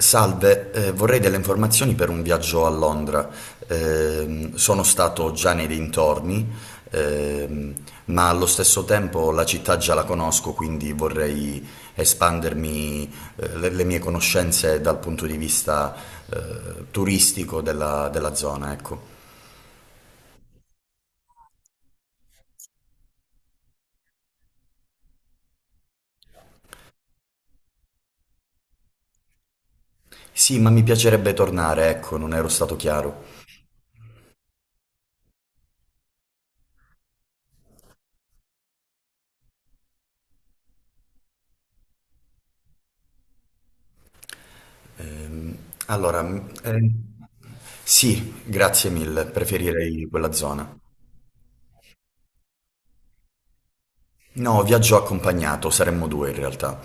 Salve, vorrei delle informazioni per un viaggio a Londra. Sono stato già nei dintorni, ehm, ma allo stesso tempo la città già la conosco, quindi vorrei espandermi, le mie conoscenze dal punto di vista, turistico della zona, ecco. Sì, ma mi piacerebbe tornare, ecco, non ero stato chiaro. Ehm, allora, m- eh, sì, grazie mille, preferirei quella zona. No, viaggio accompagnato, saremmo due in realtà.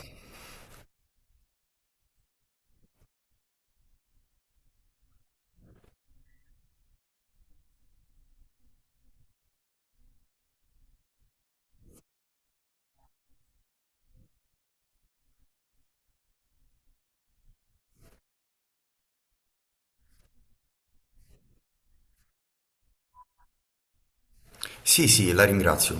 Sì, sì, la ringrazio.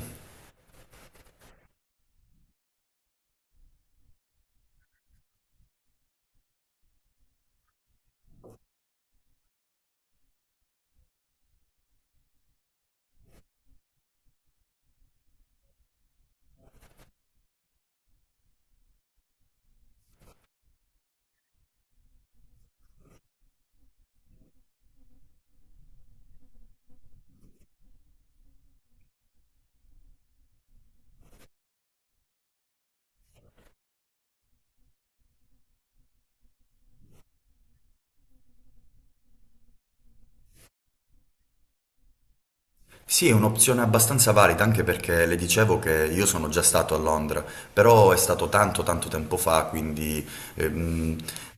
Sì, è un'opzione abbastanza valida anche perché le dicevo che io sono già stato a Londra, però è stato tanto tanto tempo fa, quindi ehm,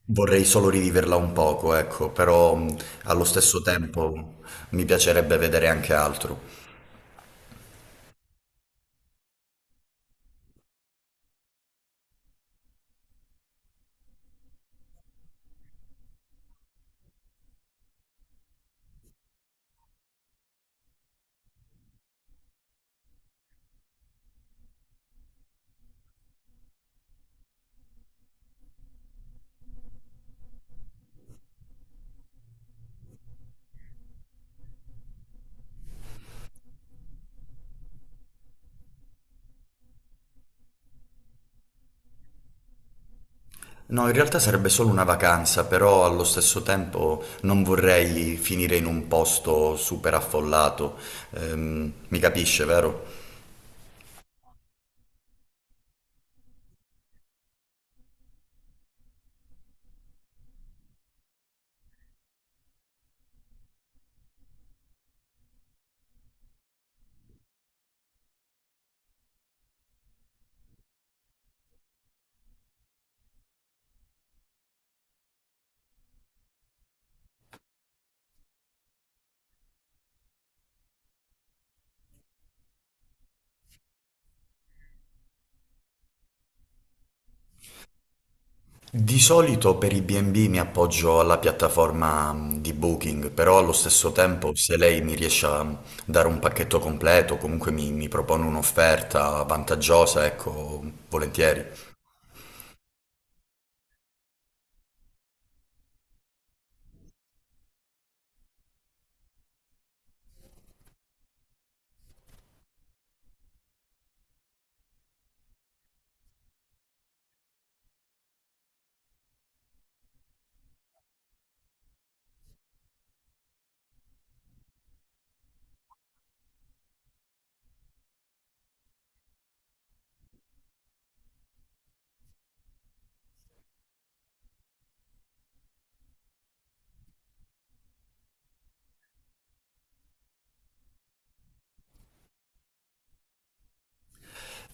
vorrei solo riviverla un poco, ecco, però allo stesso tempo mi piacerebbe vedere anche altro. No, in realtà sarebbe solo una vacanza, però allo stesso tempo non vorrei finire in un posto super affollato. Mi capisce, vero? Di solito per i B&B mi appoggio alla piattaforma di Booking, però allo stesso tempo se lei mi riesce a dare un pacchetto completo, comunque mi propone un'offerta vantaggiosa, ecco, volentieri.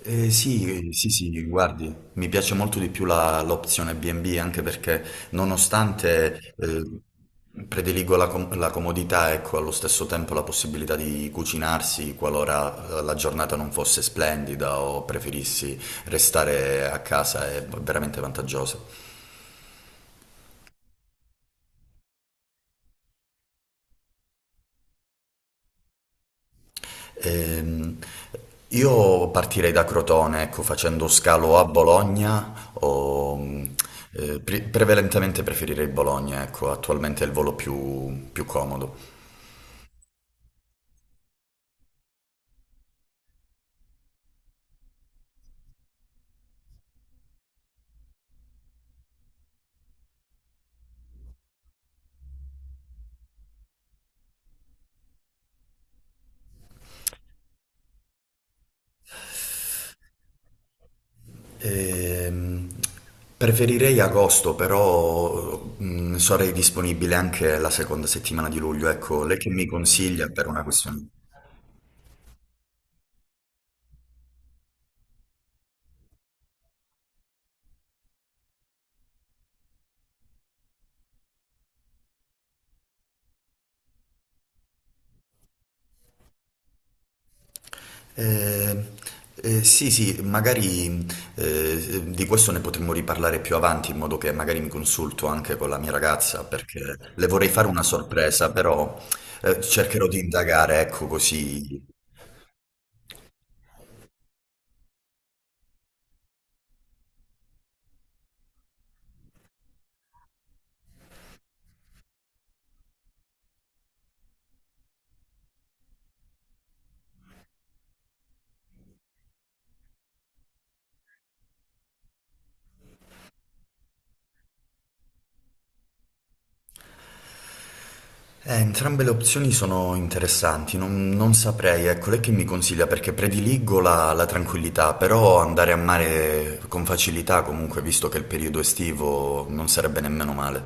Sì, sì, sì, guardi, mi piace molto di più l'opzione B&B anche perché nonostante prediligo la comodità, ecco, allo stesso tempo la possibilità di cucinarsi qualora la giornata non fosse splendida o preferissi restare a casa è veramente vantaggiosa. Ehm, io partirei da Crotone, ecco, facendo scalo a Bologna o prevalentemente preferirei Bologna, ecco, attualmente è il volo più, più comodo. Ehm, Preferirei agosto, però sarei disponibile anche la seconda settimana di luglio, ecco, lei che mi consiglia per una questione? Eh, sì, sì, magari di questo ne potremmo riparlare più avanti, in modo che magari mi consulto anche con la mia ragazza, perché le vorrei fare una sorpresa, però cercherò di indagare, ecco così. Entrambe le opzioni sono interessanti, non saprei, ecco, lei che mi consiglia, perché prediligo la tranquillità, però andare a mare con facilità comunque, visto che è il periodo estivo, non sarebbe nemmeno male.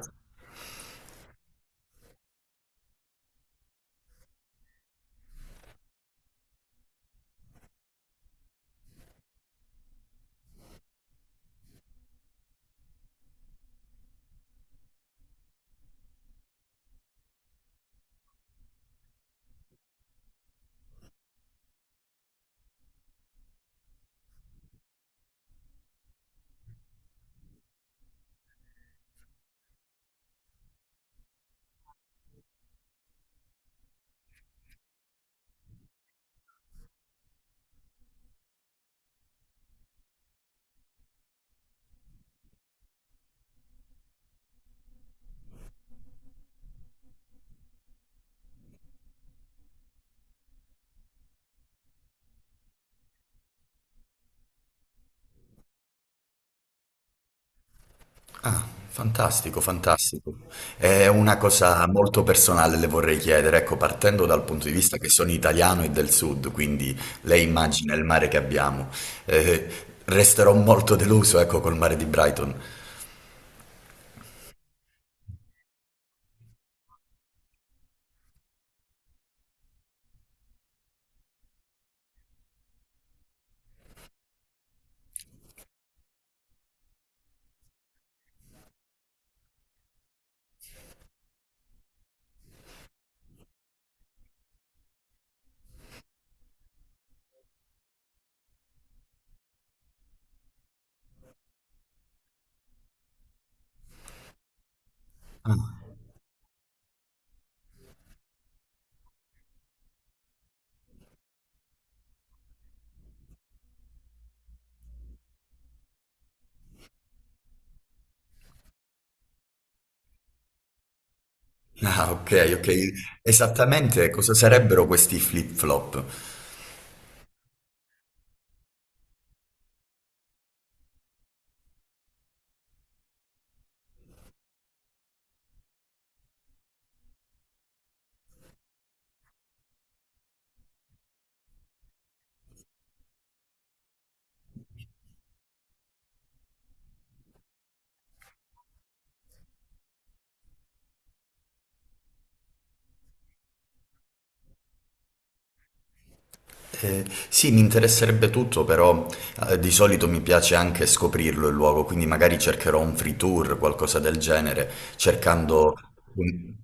Fantastico, fantastico. È una cosa molto personale, le vorrei chiedere, ecco, partendo dal punto di vista che sono italiano e del sud, quindi lei immagina il mare che abbiamo. Eh, Resterò molto deluso, ecco, col mare di Brighton. Ah, ah, ok, ok. Esattamente cosa sarebbero questi flip-flop? Sì, mi interesserebbe tutto, però di solito mi piace anche scoprirlo il luogo, quindi magari cercherò un free tour, qualcosa del genere, cercando... un-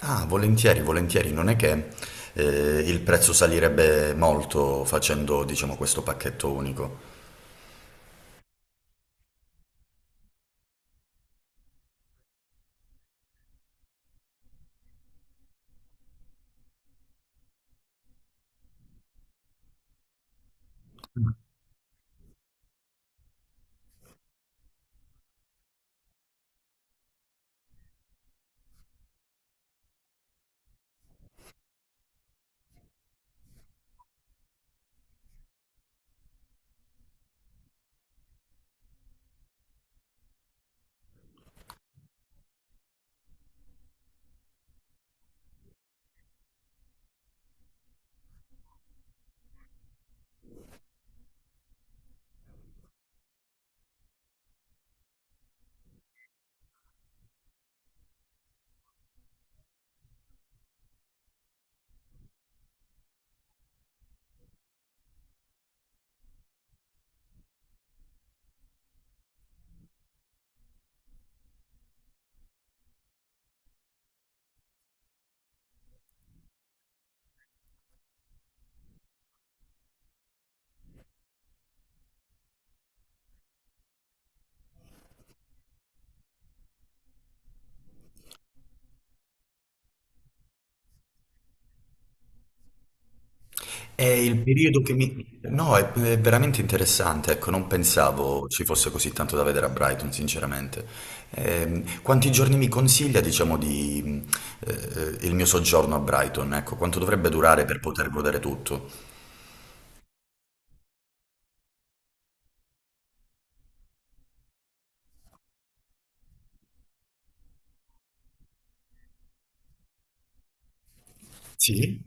Ah, volentieri, volentieri, non è che il prezzo salirebbe molto facendo, diciamo, questo pacchetto unico. È il periodo che mi... No, è veramente interessante, ecco, non pensavo ci fosse così tanto da vedere a Brighton, sinceramente. Quanti giorni mi consiglia, diciamo, di, eh, il mio soggiorno a Brighton? Ecco, quanto dovrebbe durare per poter godere tutto? Sì.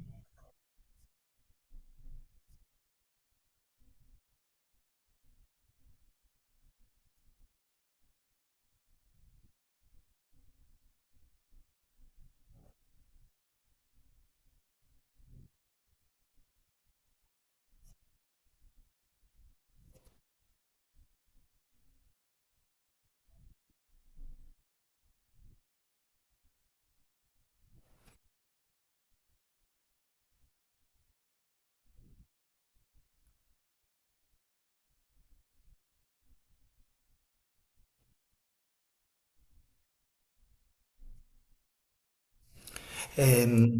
Ehm,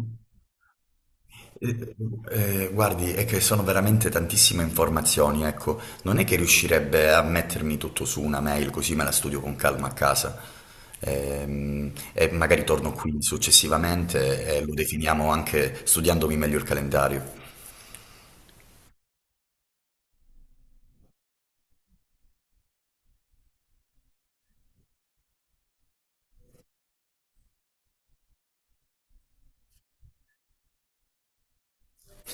eh, Guardi, è che sono veramente tantissime informazioni, ecco, non è che riuscirebbe a mettermi tutto su una mail così me la studio con calma a casa. E magari torno qui successivamente e lo definiamo anche studiandomi meglio il calendario.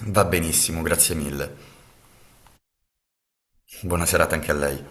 Va benissimo, grazie mille. Buona serata anche a lei.